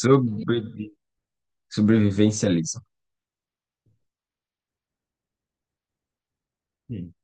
Sobrevi- Sobrevivencialismo. Sim.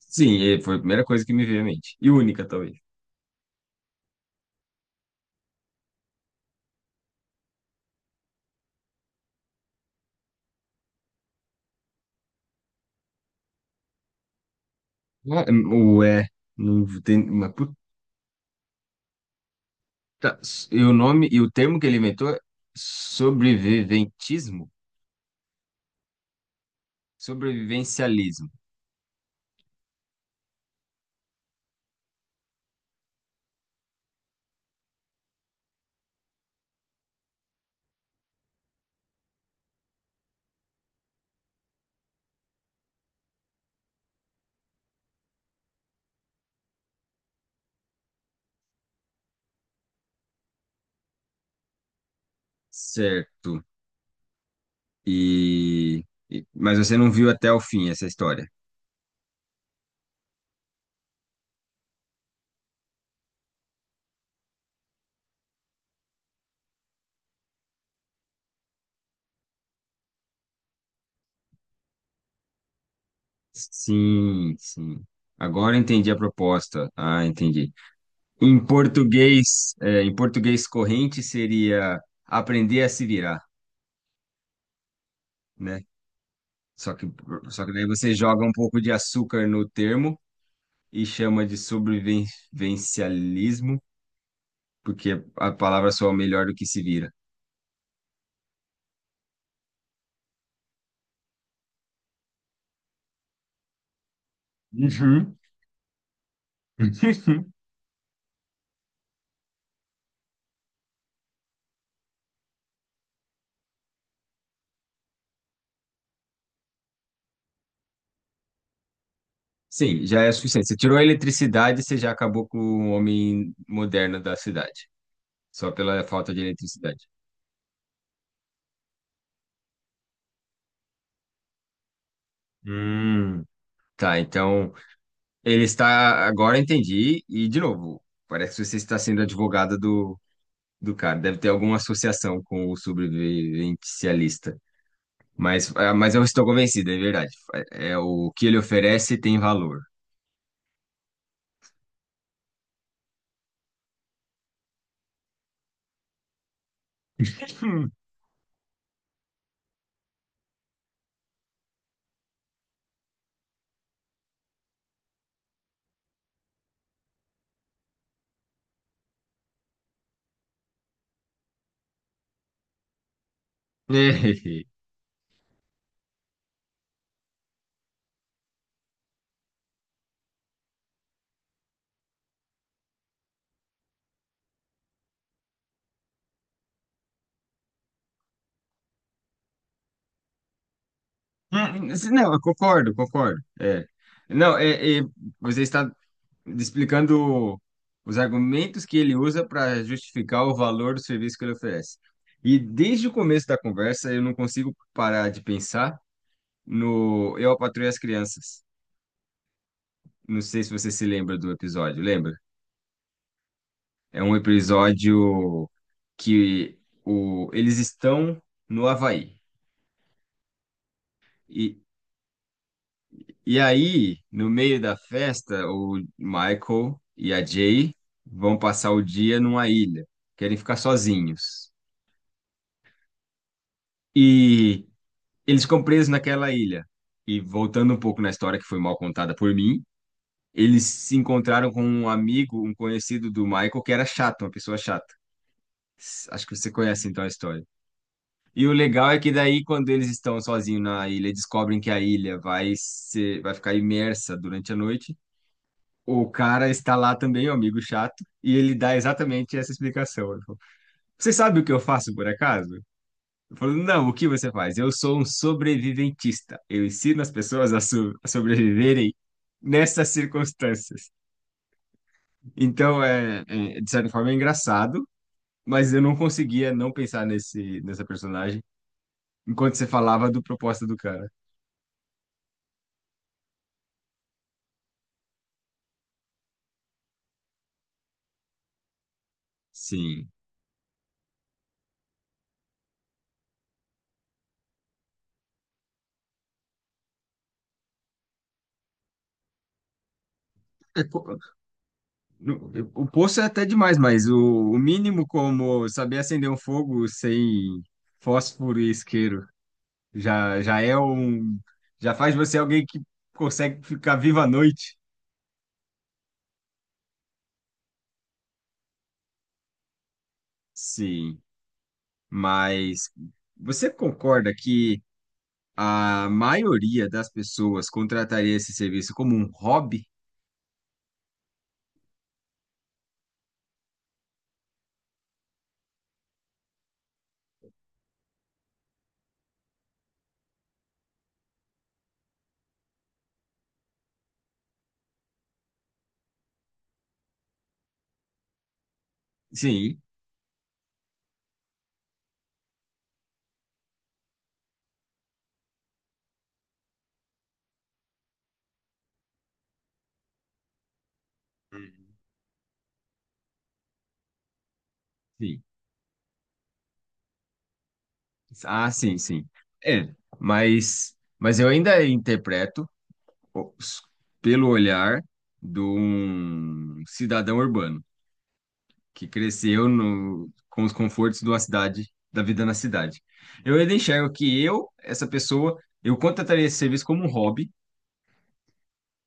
Sim, e foi a primeira coisa que me veio à mente. E única, talvez. Ah, é, o é. Não tem uma puta. E o nome e o termo que ele inventou é sobreviventismo? Sobrevivencialismo. Certo. Mas você não viu até o fim essa história. Sim, sim. Agora entendi a proposta. Ah, entendi. Em português, em português corrente seria aprender a se virar. Né? Só que, só que daí você joga um pouco de açúcar no termo e chama de sobrevivencialismo, porque a palavra soa melhor do que se vira. Uhum. Sim, já é suficiente. Você tirou a eletricidade, você já acabou com o homem moderno da cidade, só pela falta de eletricidade. Hum. Tá, então ele está. Agora entendi, e de novo, parece que você está sendo advogada do cara. Deve ter alguma associação com o sobrevivencialista. Mas, ah, mas eu estou convencido, é verdade. É o que ele oferece tem valor. Hum. É. Não, eu concordo, concordo. É. Não, você está explicando os argumentos que ele usa para justificar o valor do serviço que ele oferece. E desde o começo da conversa, eu não consigo parar de pensar no Eu, a Patroa e as Crianças. Não sei se você se lembra do episódio, lembra? É um episódio que o, eles estão no Havaí. E, e aí, no meio da festa, o Michael e a Jay vão passar o dia numa ilha. Querem ficar sozinhos. E eles ficam presos naquela ilha. E voltando um pouco na história que foi mal contada por mim, eles se encontraram com um amigo, um conhecido do Michael, que era chato, uma pessoa chata. Acho que você conhece então a história. E o legal é que daí, quando eles estão sozinhos na ilha, descobrem que a ilha vai ser, vai ficar imersa durante a noite. O cara está lá também, o amigo chato, e ele dá exatamente essa explicação. Ele falou, você sabe o que eu faço, por acaso? Eu falo, não, o que você faz? Eu sou um sobreviventista. Eu ensino as pessoas a sobreviverem nessas circunstâncias. Então, de certa forma, é engraçado, mas eu não conseguia não pensar nessa personagem enquanto você falava do propósito do cara. Sim. É co- O poço é até demais, mas o mínimo como saber acender um fogo sem fósforo e isqueiro já é um. Já faz de você alguém que consegue ficar vivo à noite. Sim, mas você concorda que a maioria das pessoas contrataria esse serviço como um hobby? Sim, uhum, sim. Ah, sim, sim. É, mas eu ainda interpreto o- s- pelo olhar de um cidadão urbano que cresceu no, com os confortos de uma cidade, da vida na cidade. Eu ainda enxergo que essa pessoa, eu contrataria esse serviço como um hobby,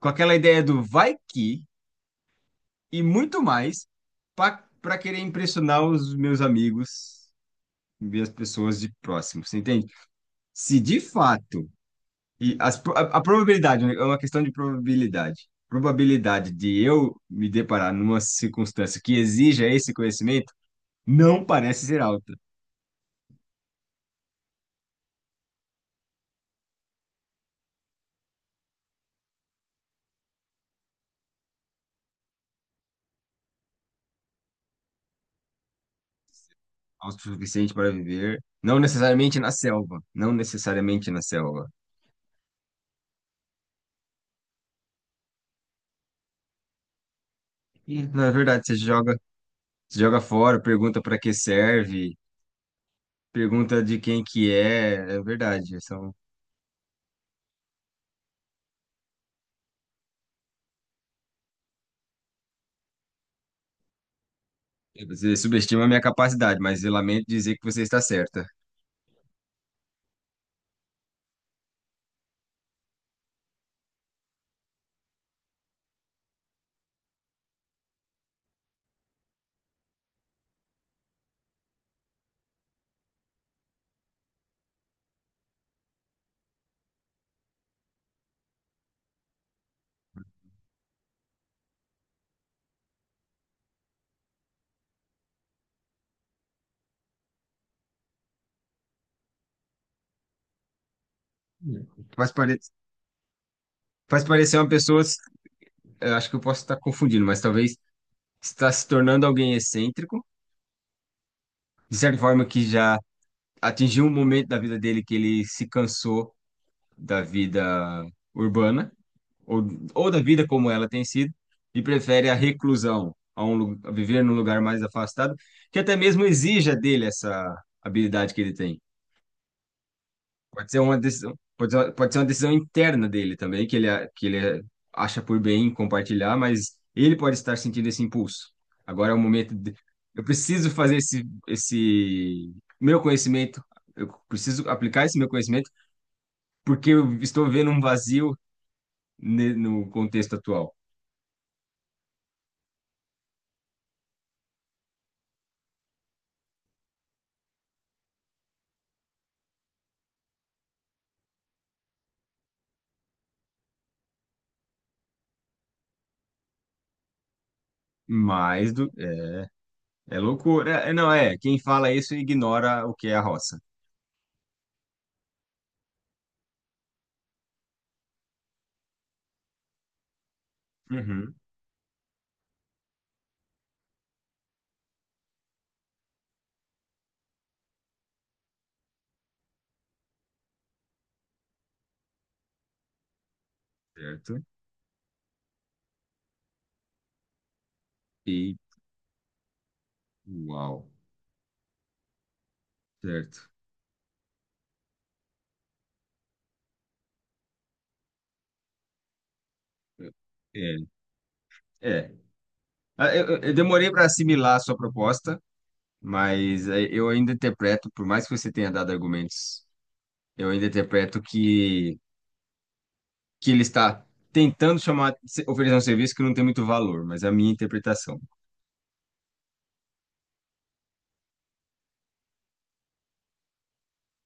com aquela ideia do vai que e muito mais para querer impressionar os meus amigos, minhas pessoas de próximo, você entende? Se de fato e a probabilidade, né, é uma questão de probabilidade. Probabilidade de eu me deparar numa circunstância que exija esse conhecimento não parece ser alta. Alta o suficiente para viver, não necessariamente na selva. Não necessariamente na selva. E, na verdade, você joga fora, pergunta para que serve, pergunta de quem que é. É verdade. Você subestima a minha capacidade, mas eu lamento dizer que você está certa. Faz, pare... Faz parecer uma pessoa, eu acho que eu posso estar confundindo, mas talvez está se tornando alguém excêntrico, de certa forma que já atingiu um momento da vida dele que ele se cansou da vida urbana ou, ou da vida como ela tem sido, e prefere a reclusão, a viver num lugar mais afastado, que até mesmo exija dele essa habilidade que ele tem. Pode ser uma decisão, pode ser uma decisão interna dele também, que que ele acha por bem compartilhar, mas ele pode estar sentindo esse impulso. Agora é o momento de, eu preciso fazer esse meu conhecimento, eu preciso aplicar esse meu conhecimento, porque eu estou vendo um vazio no contexto atual. Mais do, é loucura. É, não, é. Quem fala isso ignora o que é a roça. Uhum. Certo. E uau. Certo. É. É. Ah, eu demorei para assimilar a sua proposta, mas eu ainda interpreto, por mais que você tenha dado argumentos, eu ainda interpreto que ele está tentando chamar, oferecer um serviço que não tem muito valor, mas é a minha interpretação.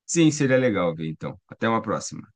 Sim, seria legal ver, então. Até uma próxima.